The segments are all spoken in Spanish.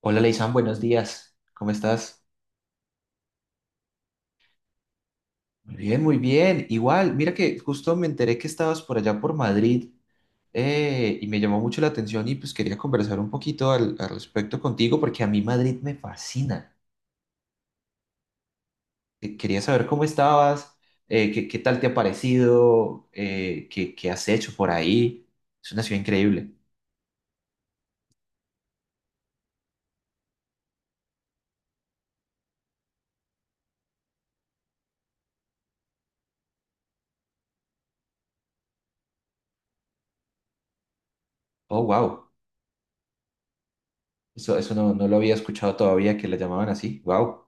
Hola, Leisan, buenos días. ¿Cómo estás? Muy bien, muy bien. Igual, mira que justo me enteré que estabas por allá por Madrid, y me llamó mucho la atención y pues quería conversar un poquito al respecto contigo porque a mí Madrid me fascina. Quería saber cómo estabas, qué tal te ha parecido, qué has hecho por ahí. Es una ciudad increíble. Oh, wow. Eso no lo había escuchado todavía que la llamaban así. Wow.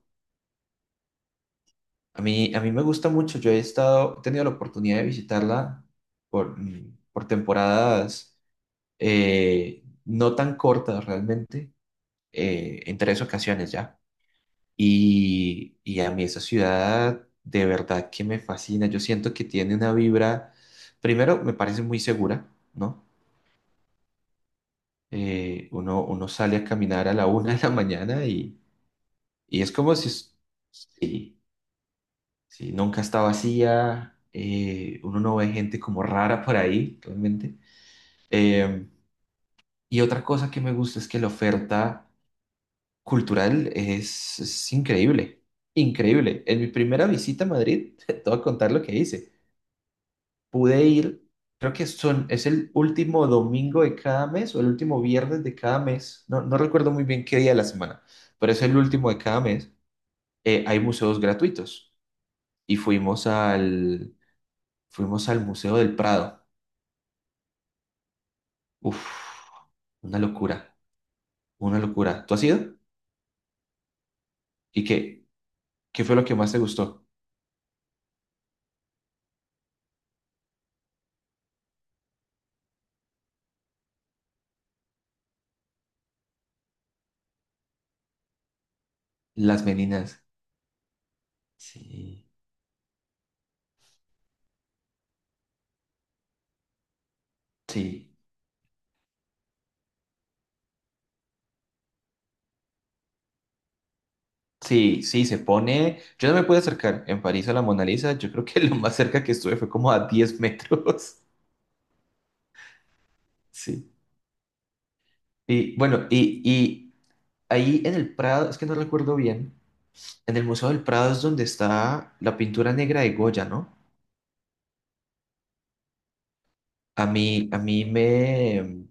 A mí me gusta mucho. Yo he estado, he tenido la oportunidad de visitarla por temporadas, no tan cortas realmente, en tres ocasiones ya. Y a mí esa ciudad de verdad que me fascina. Yo siento que tiene una vibra, primero me parece muy segura, ¿no? Uno sale a caminar a la 1 de la mañana y es como si, es- sí. Sí, nunca está vacía, uno no ve gente como rara por ahí, realmente. Eh, y otra cosa que me gusta es que la oferta cultural es increíble, increíble. En mi primera visita a Madrid, te voy a contar lo que hice. Pude ir, creo que es el último domingo de cada mes o el último viernes de cada mes, no, no recuerdo muy bien qué día de la semana, pero es el último de cada mes. Hay museos gratuitos y fuimos al Museo del Prado. Uf, una locura, una locura. ¿Tú has ido? ¿Y qué? ¿Qué fue lo que más te gustó? Las meninas. Sí, sí, sí, sí, se pone. Yo no me pude acercar en París a la Mona Lisa. Yo creo que lo más cerca que estuve fue como a 10 metros. Sí. Y bueno, ahí en el Prado, es que no recuerdo bien, en el Museo del Prado es donde está la pintura negra de Goya, ¿no? A mí, a mí me,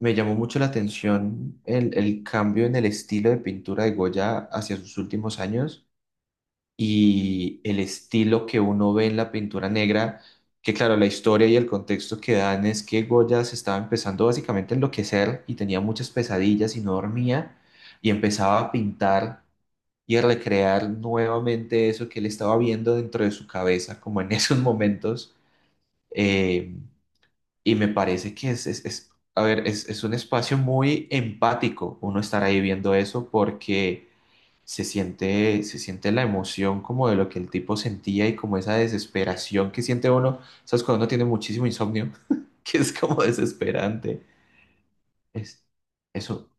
Me llamó mucho la atención el cambio en el estilo de pintura de Goya hacia sus últimos años y el estilo que uno ve en la pintura negra, que claro, la historia y el contexto que dan es que Goya se estaba empezando básicamente a enloquecer y tenía muchas pesadillas y no dormía y empezaba a pintar y a recrear nuevamente eso que él estaba viendo dentro de su cabeza, como en esos momentos. Eh, y me parece que a ver, es un espacio muy empático uno estar ahí viendo eso porque se siente la emoción como de lo que el tipo sentía y como esa desesperación que siente uno, ¿sabes? Cuando uno tiene muchísimo insomnio, que es como desesperante. Es, eso,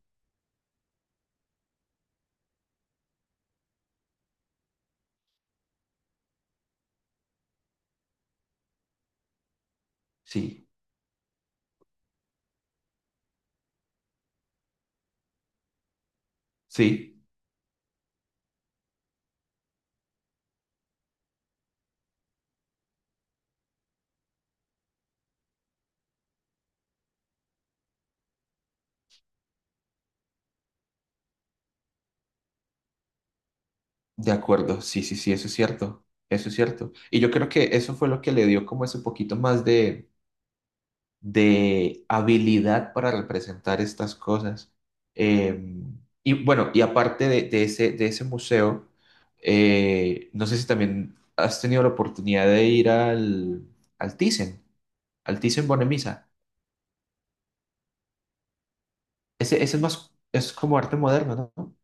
sí, sí, de acuerdo, sí, sí, sí, eso es cierto, eso es cierto. Y yo creo que eso fue lo que le dio como ese poquito más de habilidad para representar estas cosas. Eh, y bueno, y aparte de ese museo, no sé si también has tenido la oportunidad de ir al Thyssen, al Thyssen Bornemisza. Ese es más, es como arte moderno, ¿no?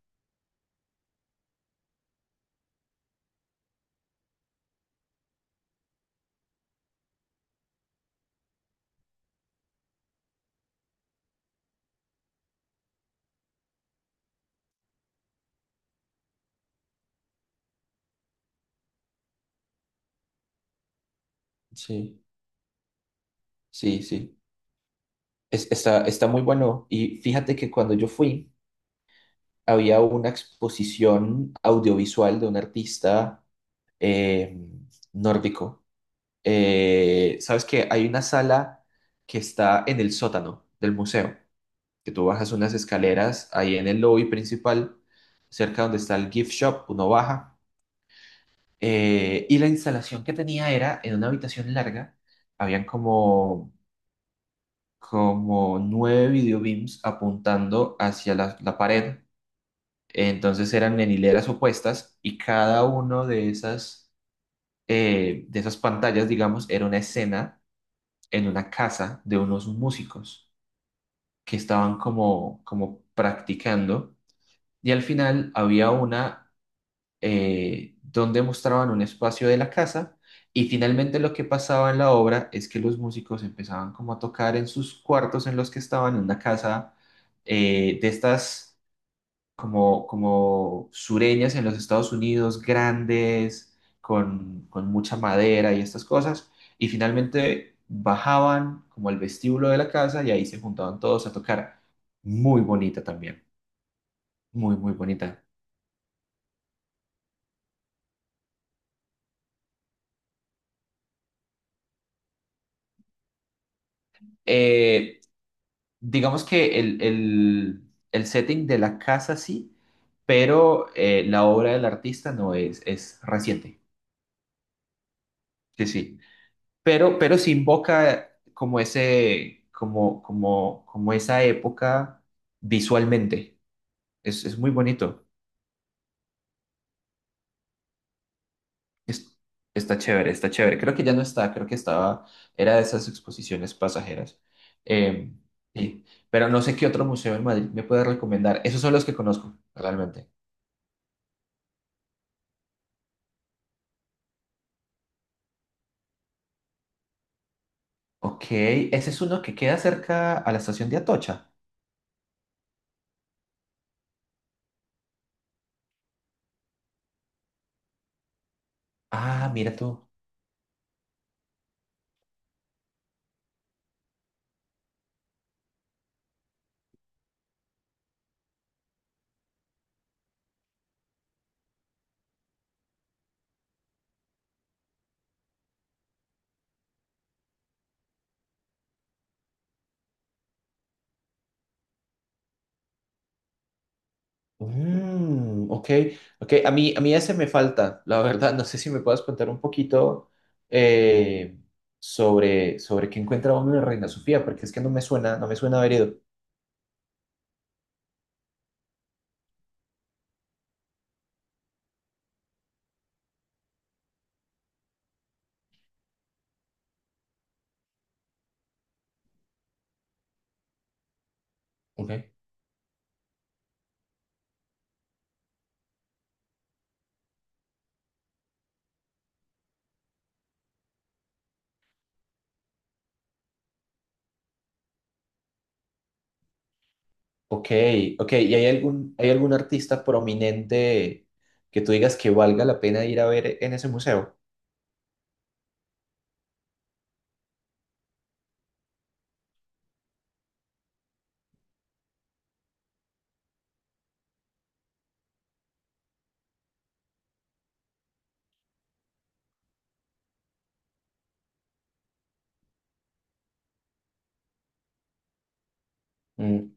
Sí, sí, sí. Está muy bueno. Y fíjate que cuando yo fui, había una exposición audiovisual de un artista, eh, nórdico. ¿Sabes qué? Hay una sala que está en el sótano del museo, que tú bajas unas escaleras ahí en el lobby principal, cerca donde está el gift shop, uno baja. Y la instalación que tenía era en una habitación larga, habían como nueve videobeams apuntando hacia la pared. Entonces eran en hileras opuestas y cada uno de esas pantallas, digamos, era una escena en una casa de unos músicos que estaban como practicando y al final había una, donde mostraban un espacio de la casa, y finalmente lo que pasaba en la obra es que los músicos empezaban como a tocar en sus cuartos en los que estaban en una casa, de estas como sureñas en los Estados Unidos, grandes, con mucha madera y estas cosas. Y finalmente bajaban como al vestíbulo de la casa y ahí se juntaban todos a tocar. Muy bonita también, muy, muy bonita. Eh, digamos que el setting de la casa sí, pero, la obra del artista no es, es reciente. Sí, sí. Pero sí invoca como ese, como esa época visualmente. Es muy bonito. Es- está chévere, está chévere. Creo que ya no está, creo que estaba, era de esas exposiciones pasajeras. Eh, sí. Pero no sé qué otro museo en Madrid me puede recomendar. Esos son los que conozco, realmente. Ok, ese es uno que queda cerca a la estación de Atocha. Ah, mira tú. Mm, ok, ok. A mí ese me falta, la verdad. No sé si me puedes contar un poquito, eh, sobre qué encuentra uno en Reina Sofía, porque es que no me suena, no me suena haber ido. Ok. Ok, ok. ¿Y hay algún artista prominente que tú digas que valga la pena ir a ver en ese museo? Mm,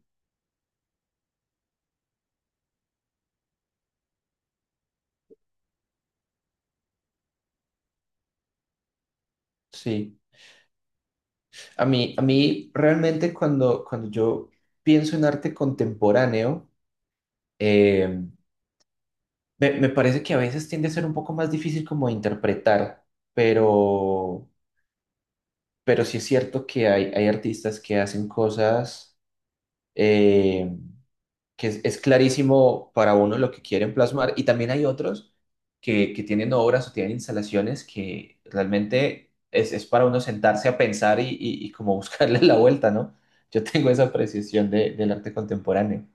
sí. A mí realmente cuando yo pienso en arte contemporáneo, em, me parece que a veces tiende a ser un poco más difícil como de interpretar, pero, pero sí es cierto que hay artistas que hacen cosas, eh, que es clarísimo para uno lo que quieren plasmar, y también hay otros que tienen obras o tienen instalaciones que realmente es para uno sentarse a pensar y como buscarle la vuelta, ¿no? Yo tengo esa apreciación del arte contemporáneo.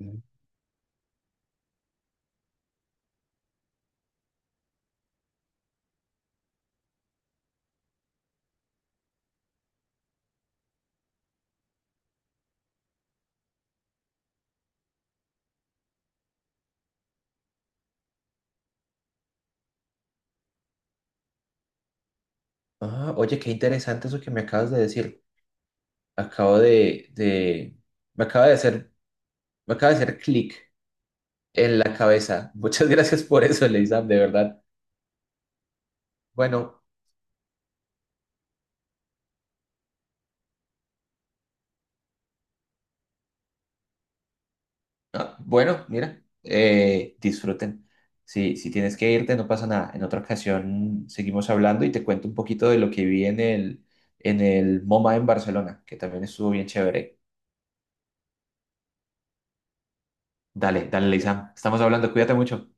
Ujú. Ah, oye, qué interesante eso que me acabas de decir. acabo de, de, me acaba de hacer, me acaba de hacer clic en la cabeza. Muchas gracias por eso, Leisam, de verdad. Bueno, bueno, mira, disfruten. Si tienes que irte, no pasa nada. En otra ocasión seguimos hablando y te cuento un poquito de lo que vi en el MoMA en Barcelona, que también estuvo bien chévere. Dale, dale, Leisam. Estamos hablando, cuídate mucho.